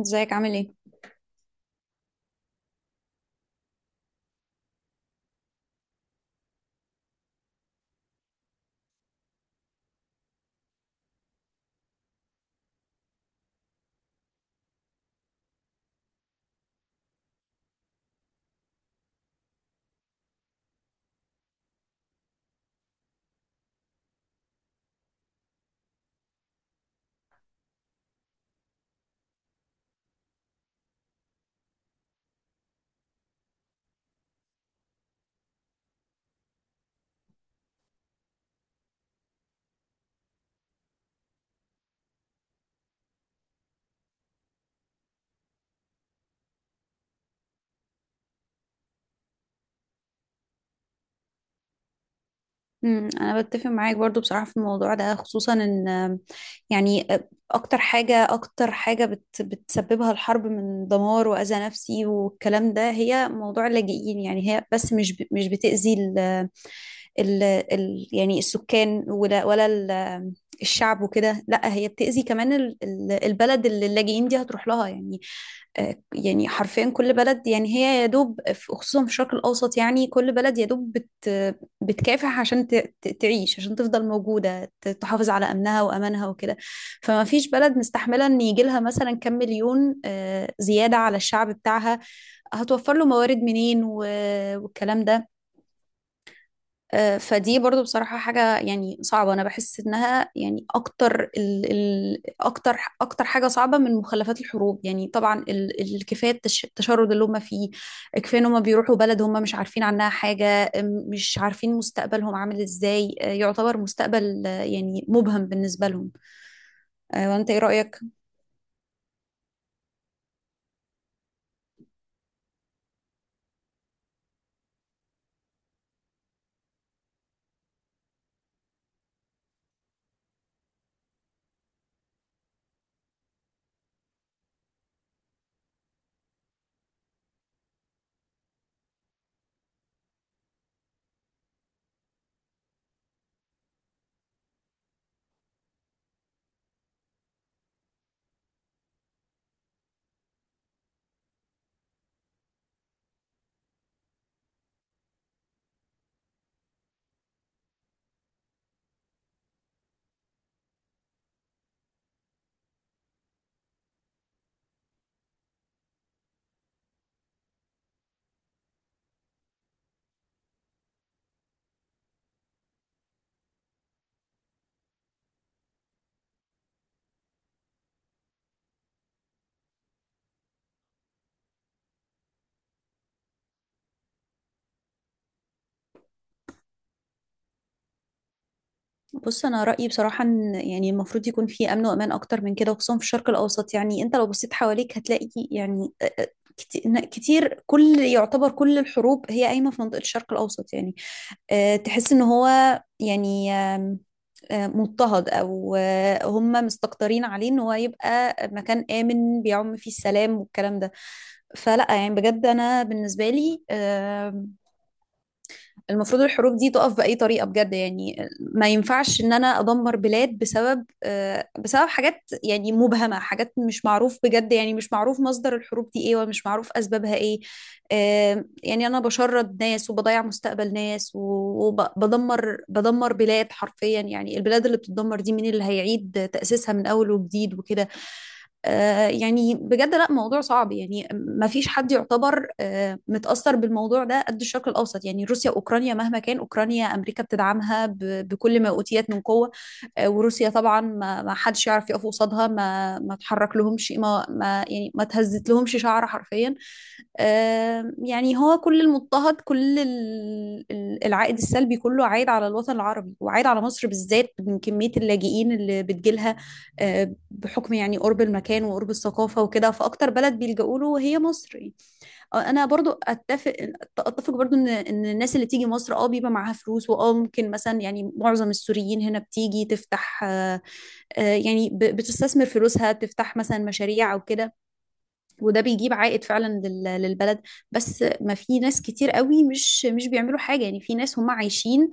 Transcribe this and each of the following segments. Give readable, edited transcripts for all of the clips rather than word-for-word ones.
ازيك عامل ايه؟ انا بتفق معاك برضو بصراحة في الموضوع ده، خصوصا ان يعني اكتر حاجة بتسببها الحرب من دمار واذى نفسي والكلام ده هي موضوع اللاجئين. يعني هي بس مش بتأذي ال ال ال يعني السكان ولا الشعب وكده، لا، هي بتأذي كمان البلد اللي اللاجئين دي هتروح لها يعني. يعني حرفيا كل بلد، يعني هي يا دوب خصوصا في الشرق الأوسط، يعني كل بلد يا دوب بتكافح عشان تعيش، عشان تفضل موجودة، تحافظ على أمنها وأمانها وكده. فما فيش بلد مستحملة إن يجي لها مثلا كم مليون زيادة على الشعب بتاعها. هتوفر له موارد منين والكلام ده. فدي برضو بصراحة حاجة يعني صعبة. أنا بحس إنها يعني أكتر ال ال أكتر أكتر حاجة صعبة من مخلفات الحروب. يعني طبعا الكفاية التشرد اللي هم فيه، كفاية إن هم بيروحوا بلد هم مش عارفين عنها حاجة. مش عارفين مستقبلهم عامل إزاي، يعتبر مستقبل يعني مبهم بالنسبة لهم. وأنت إيه رأيك؟ بص، انا رايي بصراحه ان يعني المفروض يكون في امن وامان اكتر من كده، خصوصا في الشرق الاوسط. يعني انت لو بصيت حواليك هتلاقي يعني كتير، كل يعتبر كل الحروب هي قايمه في منطقه الشرق الاوسط. يعني تحس ان هو يعني آم، آه، مضطهد او هم مستكترين عليه ان هو يبقى مكان امن بيعم فيه السلام والكلام ده. فلا، يعني بجد انا بالنسبه لي المفروض الحروب دي تقف بأي طريقة، بجد. يعني ما ينفعش ان انا ادمر بلاد بسبب بسبب حاجات يعني مبهمة، حاجات مش معروف، بجد يعني مش معروف مصدر الحروب دي ايه ومش معروف اسبابها ايه. يعني انا بشرد ناس وبضيع مستقبل ناس وبدمر بلاد حرفيا. يعني البلاد اللي بتتدمر دي مين اللي هيعيد تأسيسها من اول وجديد وكده؟ يعني بجد، لا، موضوع صعب. يعني ما فيش حد يعتبر متأثر بالموضوع ده قد الشرق الأوسط. يعني روسيا وأوكرانيا، مهما كان، أوكرانيا أمريكا بتدعمها بكل ما أوتيت من قوة. وروسيا طبعا ما حدش يعرف يقف قصادها، ما ما تحرك لهمش، ما ما يعني ما تهزت لهمش شعر حرفيا. يعني هو كل المضطهد، كل العائد السلبي كله عايد على الوطن العربي وعايد على مصر بالذات من كمية اللاجئين اللي بتجيلها. آه، بحكم يعني قرب المكان وقرب الثقافة وكده، فأكتر بلد بيلجأوا له هي مصر يعني. أنا برضو أتفق برضو إن الناس اللي تيجي مصر بيبقى معاها فلوس، وأه ممكن مثلا يعني معظم السوريين هنا بتيجي تفتح، يعني بتستثمر فلوسها، تفتح مثلا مشاريع أو كده، وده بيجيب عائد فعلا للبلد. بس ما في ناس كتير قوي مش بيعملوا حاجة. يعني في ناس هم عايشين،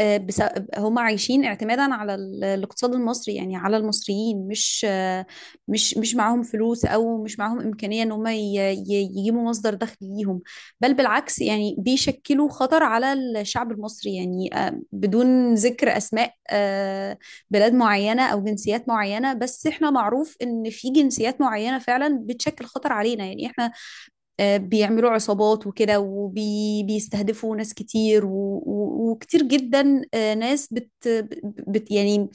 بس هم عايشين اعتمادا على الاقتصاد المصري، يعني على المصريين. مش معاهم فلوس، او مش معاهم امكانيه ان هم يجيبوا مصدر دخل ليهم. بل بالعكس، يعني بيشكلوا خطر على الشعب المصري. يعني بدون ذكر اسماء بلاد معينة أو جنسيات معينة، بس إحنا معروف إن في جنسيات معينة فعلا بتشكل خطر علينا. يعني إحنا بيعملوا عصابات وكده، وبيستهدفوا ناس كتير، وكتير جدا ناس بت, بت يعني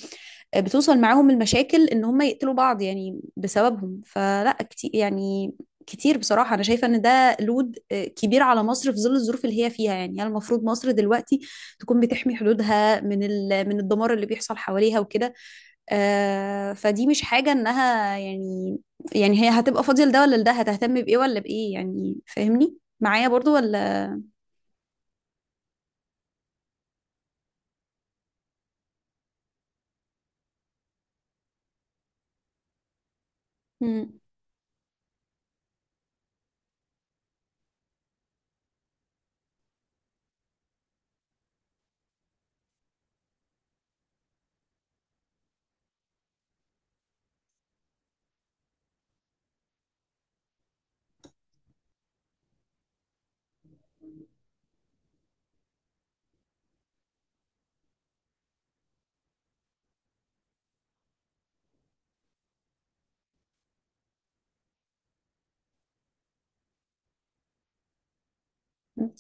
بتوصل معاهم المشاكل ان هم يقتلوا بعض يعني بسببهم. فلا، كتير يعني، كتير بصراحة أنا شايفة إن ده لود كبير على مصر في ظل الظروف اللي هي فيها. يعني هي المفروض مصر دلوقتي تكون بتحمي حدودها من من الدمار اللي بيحصل حواليها وكده. فدي مش حاجة إنها يعني، يعني هي هتبقى فاضية لده ولا لده، هتهتم بإيه ولا بإيه يعني؟ فاهمني معايا برضو ولا؟ مم.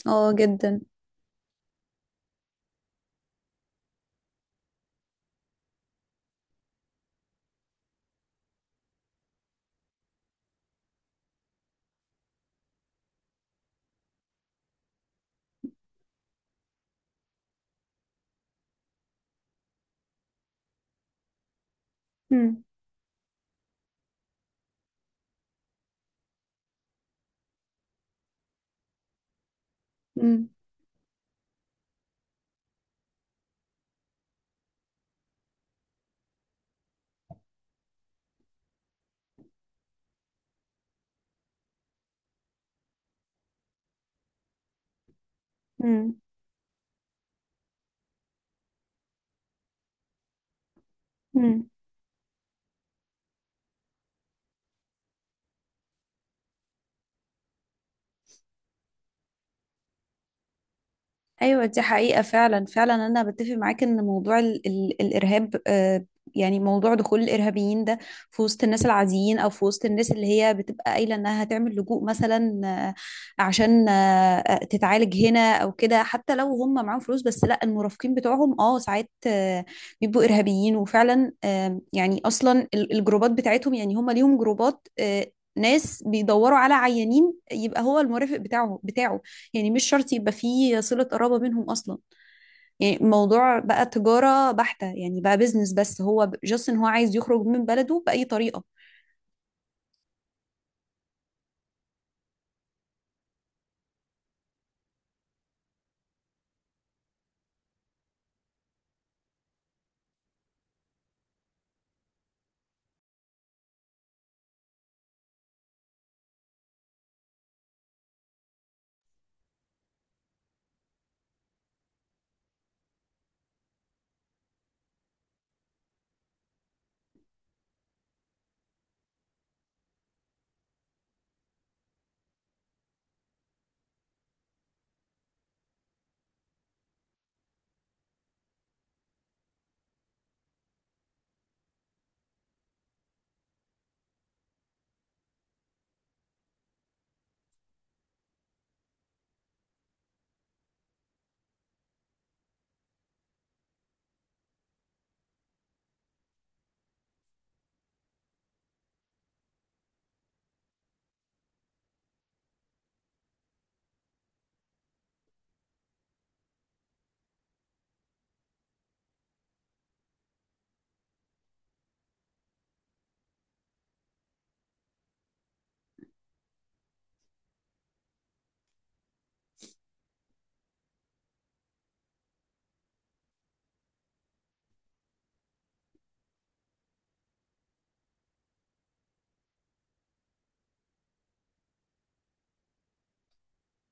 اه، جدا. مم. مم. مم. مم. ايوه، دي حقيقة فعلا، فعلا انا بتفق معاك ان موضوع ال ال الارهاب، يعني موضوع دخول الارهابيين ده في وسط الناس العاديين، او في وسط الناس اللي هي بتبقى قايلة انها هتعمل لجوء مثلا، عشان تتعالج هنا او كده. حتى لو هم معاهم فلوس، بس لا، المرافقين بتوعهم ساعات بيبقوا ارهابيين. وفعلا يعني اصلا الجروبات بتاعتهم، يعني هم ليهم جروبات ناس بيدوروا على عيانين، يبقى هو المرافق بتاعه يعني مش شرط يبقى فيه صلة قرابة بينهم أصلا. يعني الموضوع بقى تجارة بحتة، يعني بقى بيزنس، بس هو جاست إن هو عايز يخرج من بلده بأي طريقة.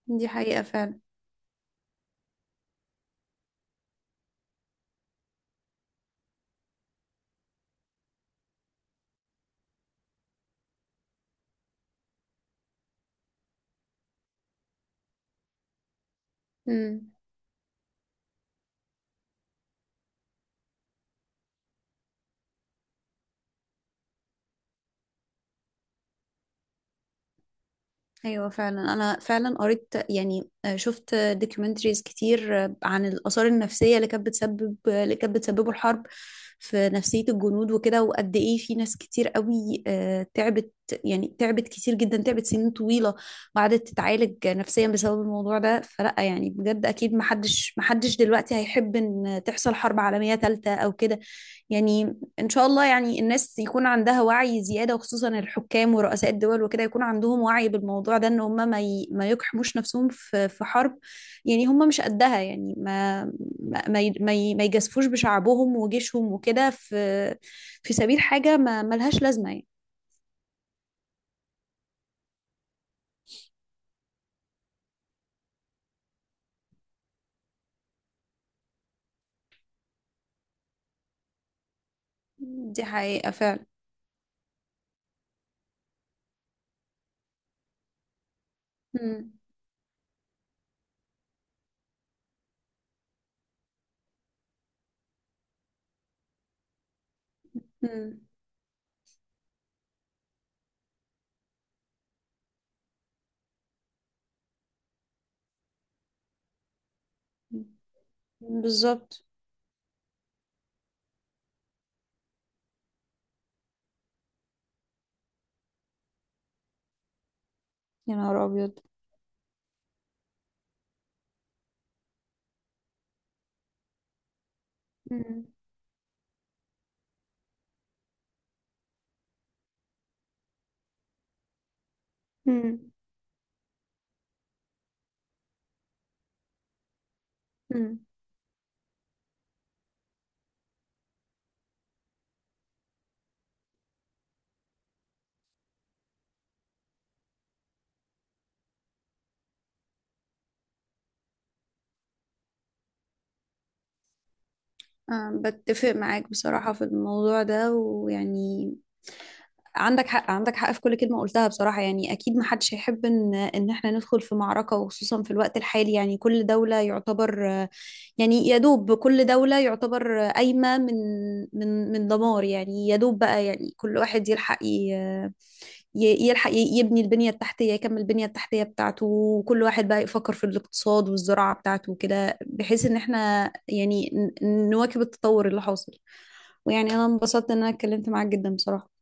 دي حقيقة فعلا. مم. ايوه، فعلا. انا فعلا قريت، يعني شفت دوكيومنتريز كتير عن الاثار النفسيه اللي كانت بتسبب، اللي كانت بتسببه الحرب في نفسيه الجنود وكده، وقد ايه في ناس كتير قوي تعبت، يعني تعبت كتير جدا، تعبت سنين طويله وقعدت تتعالج نفسيا بسبب الموضوع ده. فلا، يعني بجد، اكيد محدش دلوقتي هيحب ان تحصل حرب عالميه ثالثه او كده يعني. ان شاء الله يعني الناس يكون عندها وعي زيادة، وخصوصا الحكام ورؤساء الدول وكده، يكون عندهم وعي بالموضوع ده، ان هم ما يقحموش نفسهم في في حرب، يعني هم مش قدها. يعني ما يجازفوش بشعبهم وجيشهم وكده في سبيل حاجة ما ملهاش لازمة يعني. دي حقيقة فعلا. مم. مم. بالظبط. يا نهار أبيض. مم. مم. مم. بتفق معاك بصراحة في الموضوع ده. ويعني عندك حق، عندك حق في كل كلمة قلتها بصراحة. يعني أكيد محدش هيحب إن إحنا ندخل في معركة، وخصوصا في الوقت الحالي. يعني كل دولة يعتبر، يعني يا دوب كل دولة يعتبر قايمة من من دمار، يعني يا دوب بقى. يعني كل واحد يلحق يبني البنية التحتية، يكمل البنية التحتية بتاعته، وكل واحد بقى يفكر في الاقتصاد والزراعة بتاعته وكده، بحيث إن إحنا يعني نواكب التطور اللي حاصل. ويعني أنا انبسطت إن أنا اتكلمت معاك جدا بصراحة.